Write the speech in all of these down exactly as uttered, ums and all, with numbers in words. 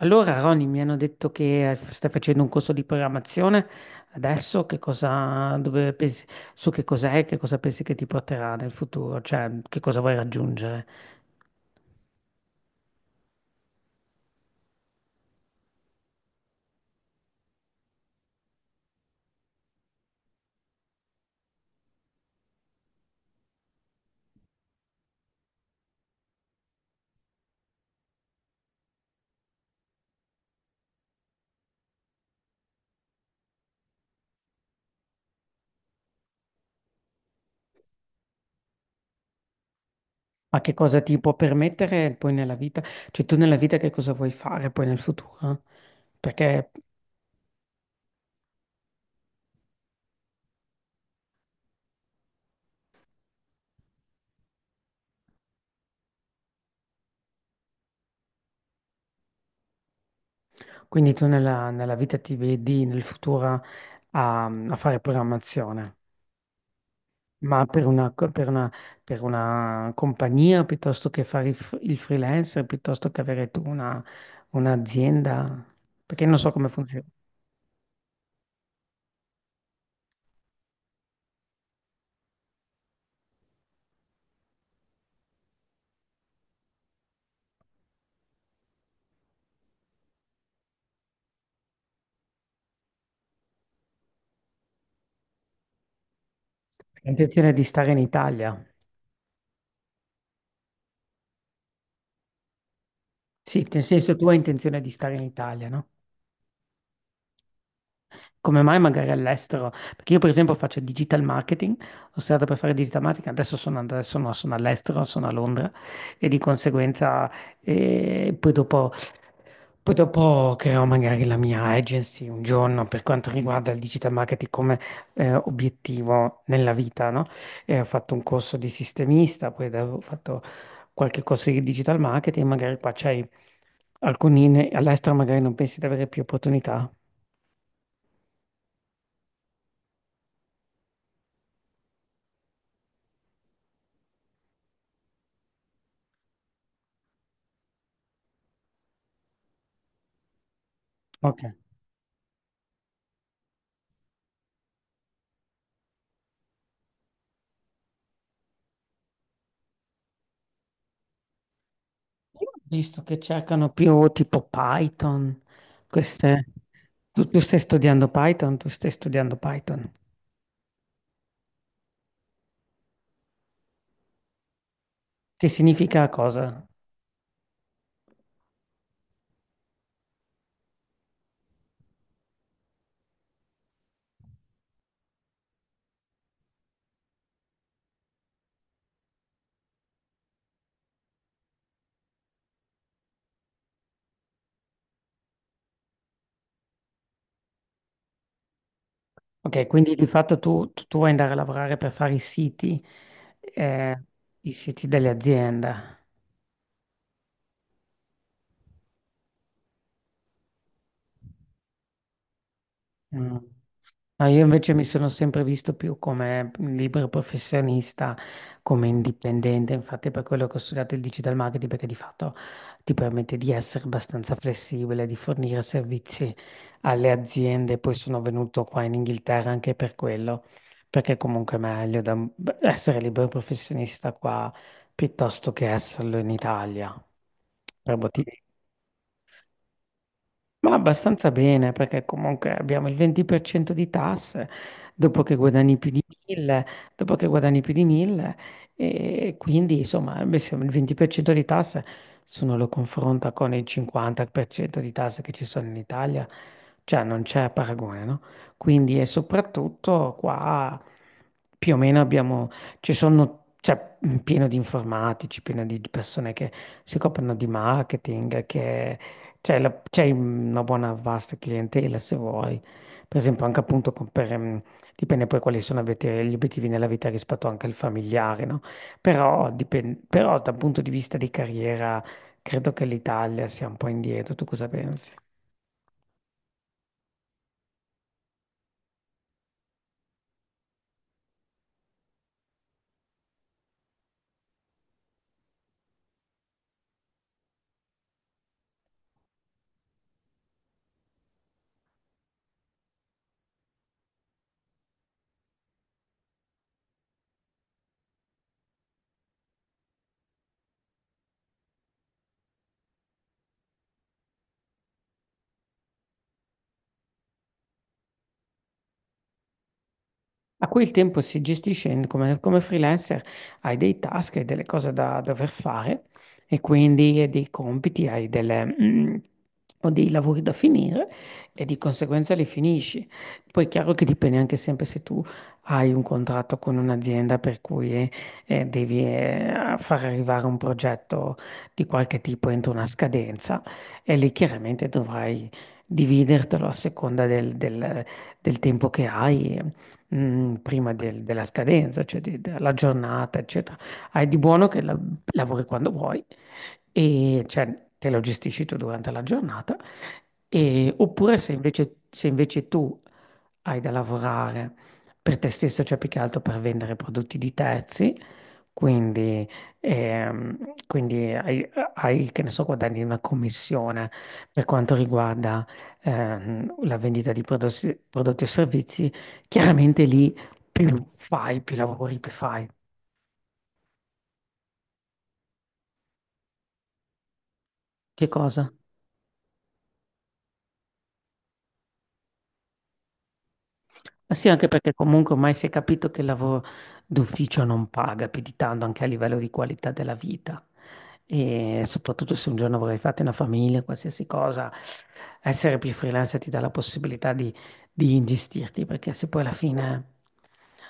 Allora, Roni, mi hanno detto che eh, stai facendo un corso di programmazione. Adesso che cosa, dove pensi, su che cos'è, che cosa pensi che ti porterà nel futuro, cioè che cosa vuoi raggiungere, ma che cosa ti può permettere poi nella vita, cioè tu nella vita che cosa vuoi fare poi nel futuro? Perché quindi tu nella, nella vita ti vedi nel futuro a, a fare programmazione. Ma per una, co- per una- per una compagnia piuttosto che fare il, f- il freelancer, piuttosto che avere tu una, un'azienda, perché non so come funziona. Hai intenzione di stare in Italia? Sì, nel senso tu hai intenzione di stare in Italia, no? Come mai magari all'estero? Perché io per esempio faccio digital marketing, ho studiato per fare digital marketing, adesso sono, and- adesso no, sono all'estero, sono a Londra e di conseguenza eh, poi dopo, poi dopo creerò magari la mia agency un giorno per quanto riguarda il digital marketing come eh, obiettivo nella vita, no? E ho fatto un corso di sistemista, poi da- ho fatto qualche corso di digital marketing, magari qua c'hai alcuni, ne- all'estero magari non pensi di avere più opportunità. Ok. Io ho visto che cercano più tipo Python, queste... Tu, tu stai studiando Python, tu stai studiando Python. Che significa cosa? Ok, quindi di fatto tu, tu- tu vuoi andare a lavorare per fare i siti, eh, i siti delle aziende. Mm. No, io invece mi sono sempre visto più come libero professionista, come indipendente, infatti per quello che ho studiato il digital marketing, perché di fatto ti permette di essere abbastanza flessibile, di fornire servizi alle aziende, poi sono venuto qua in Inghilterra anche per quello, perché comunque è meglio da- essere libero professionista qua piuttosto che esserlo in Italia, per motivi ma abbastanza bene, perché comunque abbiamo il venti per cento di tasse dopo che guadagni più di mille, dopo che guadagni più di mille e quindi insomma, beh, se il venti per cento di tasse, se uno lo confronta con il cinquanta per cento di tasse che ci sono in Italia, cioè non c'è paragone, no? Quindi e soprattutto qua più o meno abbiamo, ci sono, cioè, pieno di informatici, pieno di persone che si occupano di marketing, che c'è la- c'è una buona vasta clientela se vuoi, per esempio anche appunto con- per, ehm, dipende poi quali sono avete- gli obiettivi nella vita rispetto anche al familiare, no? Però, dipen- però dal punto di vista di carriera credo che l'Italia sia un po' indietro, tu cosa pensi? A cui il tempo si gestisce in- come, come freelancer, hai dei task e delle cose da dover fare e quindi hai dei compiti, hai delle, mm, o dei lavori da finire e di conseguenza li finisci. Poi è chiaro che dipende anche sempre se tu hai un contratto con un'azienda per cui eh, eh, devi eh, far arrivare un progetto di qualche tipo entro una scadenza e lì chiaramente dovrai dividertelo a seconda del, del- del tempo che hai mh, prima del- della scadenza, cioè di- della giornata, eccetera. Hai di buono che la- lavori quando vuoi e cioè, te lo gestisci tu durante la giornata. E- oppure se invece, se invece tu hai da lavorare per te stesso, cioè più che altro per vendere prodotti di terzi, quindi, ehm, quindi hai, hai, che ne so, guadagni una commissione per quanto riguarda ehm, la vendita di prodotti, prodotti o servizi. Chiaramente lì più fai, più lavori, più fai. Che cosa? Ma sì, anche perché comunque ormai si è capito che il lavoro d'ufficio non paga più di tanto anche a livello di qualità della vita. E soprattutto se un giorno vorrei fare una famiglia, qualsiasi cosa, essere più freelancer ti dà la possibilità di, di ingestirti, perché se poi alla fine,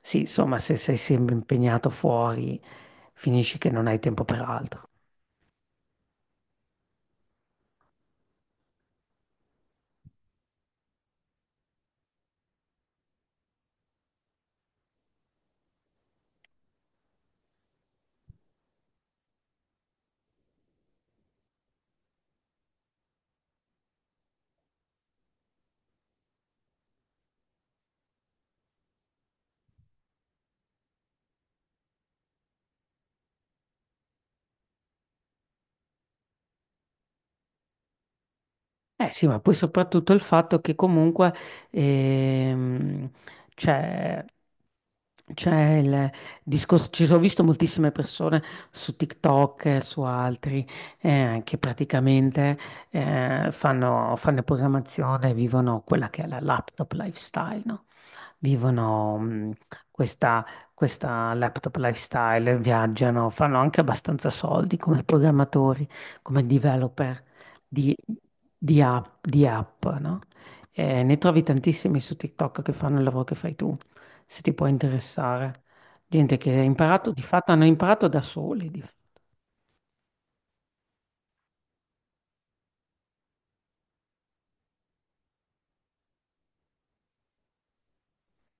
sì, insomma, se sei sempre impegnato fuori, finisci che non hai tempo per altro. Eh sì, ma poi soprattutto il fatto che comunque ehm, c'è c'è il discorso, ci sono visto moltissime persone su TikTok, e su altri, eh, che praticamente eh, fanno, fanno programmazione, vivono quella che è la laptop lifestyle, no? Vivono mh, questa, questa laptop lifestyle, viaggiano, fanno anche abbastanza soldi come programmatori, come developer di, di app, di app, no? Eh, ne trovi tantissimi su TikTok che fanno il lavoro che fai tu, se ti può interessare. Gente che ha imparato, di fatto hanno imparato da soli. Di-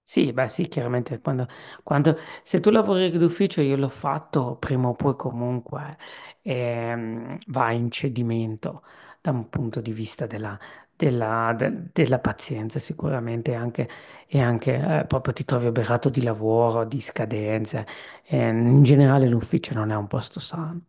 Sì, beh sì, chiaramente quando, quando- se tu lavori d'ufficio io l'ho fatto, prima o poi comunque ehm, va in cedimento da un punto di vista della, della- de- della pazienza sicuramente anche, e anche eh, proprio ti trovi oberato di lavoro, di scadenze. Eh, in generale l'ufficio non è un posto sano.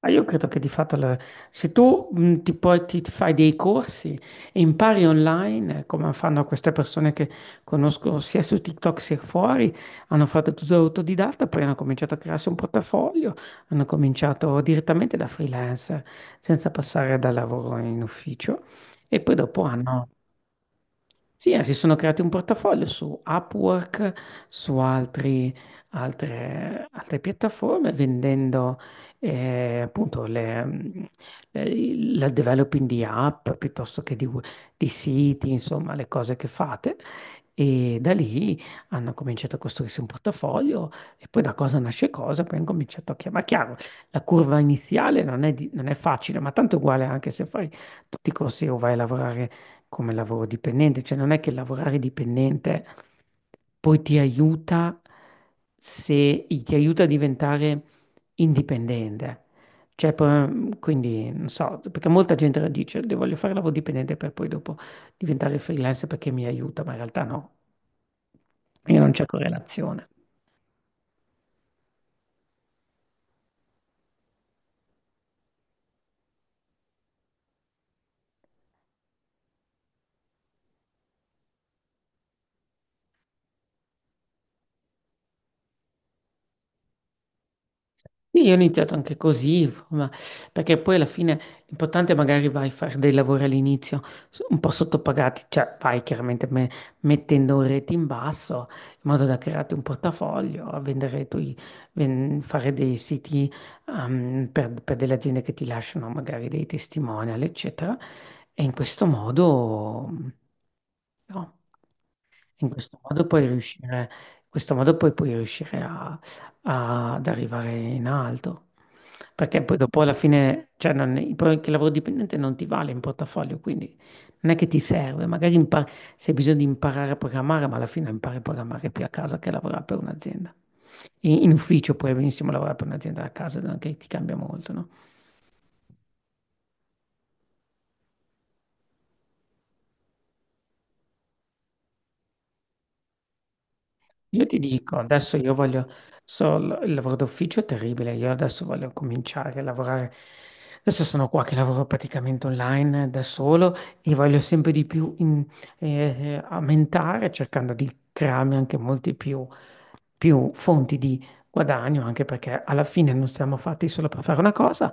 Ma io credo che di fatto la- se tu mh, ti, puoi- ti- ti fai dei corsi e impari online, eh, come fanno queste persone che conosco sia su TikTok sia fuori, hanno fatto tutto autodidatta, poi hanno cominciato a crearsi un portafoglio, hanno cominciato direttamente da freelancer, senza passare da lavoro in ufficio, e poi dopo hanno sì, eh, si sono creati un portafoglio su Upwork, su altri- altre, altre piattaforme, vendendo eh, appunto le, mm, eh, il- la developing di app piuttosto che di, we- di siti, insomma, le cose che fate. E da lì hanno cominciato a costruirsi un portafoglio e poi da cosa nasce cosa, poi hanno cominciato a chiamare. Chiaro, la curva iniziale non è, di- non è facile, ma tanto uguale anche se fai tutti i corsi o vai a lavorare come lavoro dipendente, cioè non è che lavorare dipendente poi ti aiuta se ti aiuta a diventare indipendente. Cioè, poi, quindi, non so, perché molta gente la dice, "Io voglio fare lavoro dipendente per poi dopo diventare freelance perché mi aiuta, ma in realtà no, io non c'è correlazione. Sì, io ho iniziato anche così, ma perché poi alla fine l'importante è magari vai a fare dei lavori all'inizio s- un po' sottopagati, cioè vai chiaramente me- mettendo un rete in basso in modo da crearti un portafoglio, a vendere tu, i- ven- fare dei siti ehm, per, per delle aziende che ti lasciano magari dei testimonial, eccetera. E in questo modo, mm, no, in questo modo puoi riuscire, in questo modo poi puoi riuscire a- ad arrivare in alto. Perché poi dopo alla fine, cioè non, il pro- che il lavoro dipendente non ti vale in portafoglio, quindi non è che ti serve, magari impar- se hai bisogno di imparare a programmare, ma alla fine impari a programmare più a casa che a lavorare per un'azienda. In, in ufficio puoi benissimo lavorare per un'azienda a casa, non è che ti cambia molto, no? Io ti dico, adesso io voglio, so, l- il lavoro d'ufficio è terribile, io adesso voglio cominciare a lavorare, adesso sono qua che lavoro praticamente online da solo e voglio sempre di più in- eh, eh, aumentare cercando di crearmi anche molti più, più fonti di guadagno, anche perché alla fine non siamo fatti solo per fare una cosa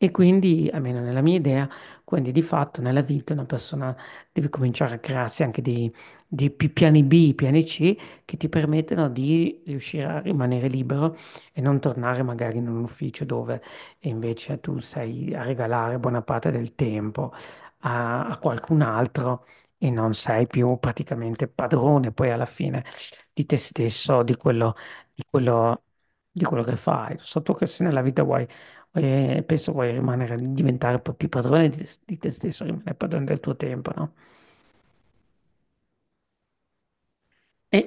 e quindi, almeno nella mia idea, quindi di fatto nella vita una persona deve cominciare a crearsi anche dei, dei pi- piani bi, piani ci che ti permettono di riuscire a rimanere libero e non tornare magari in un ufficio dove invece tu sei a regalare buona parte del tempo a, a qualcun altro e non sei più praticamente padrone poi alla fine di te stesso, di quello, di quello, di quello che fai. So tu che se nella vita vuoi, eh, penso vuoi rimanere, diventare un po' più padrone di, di te stesso, rimanere padrone del tuo tempo, no? E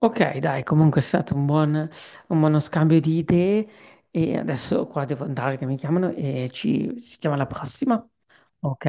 Ok, dai, comunque è stato un buon, un buono scambio di idee e adesso qua devo andare che mi chiamano e ci ci sentiamo alla prossima. Ok,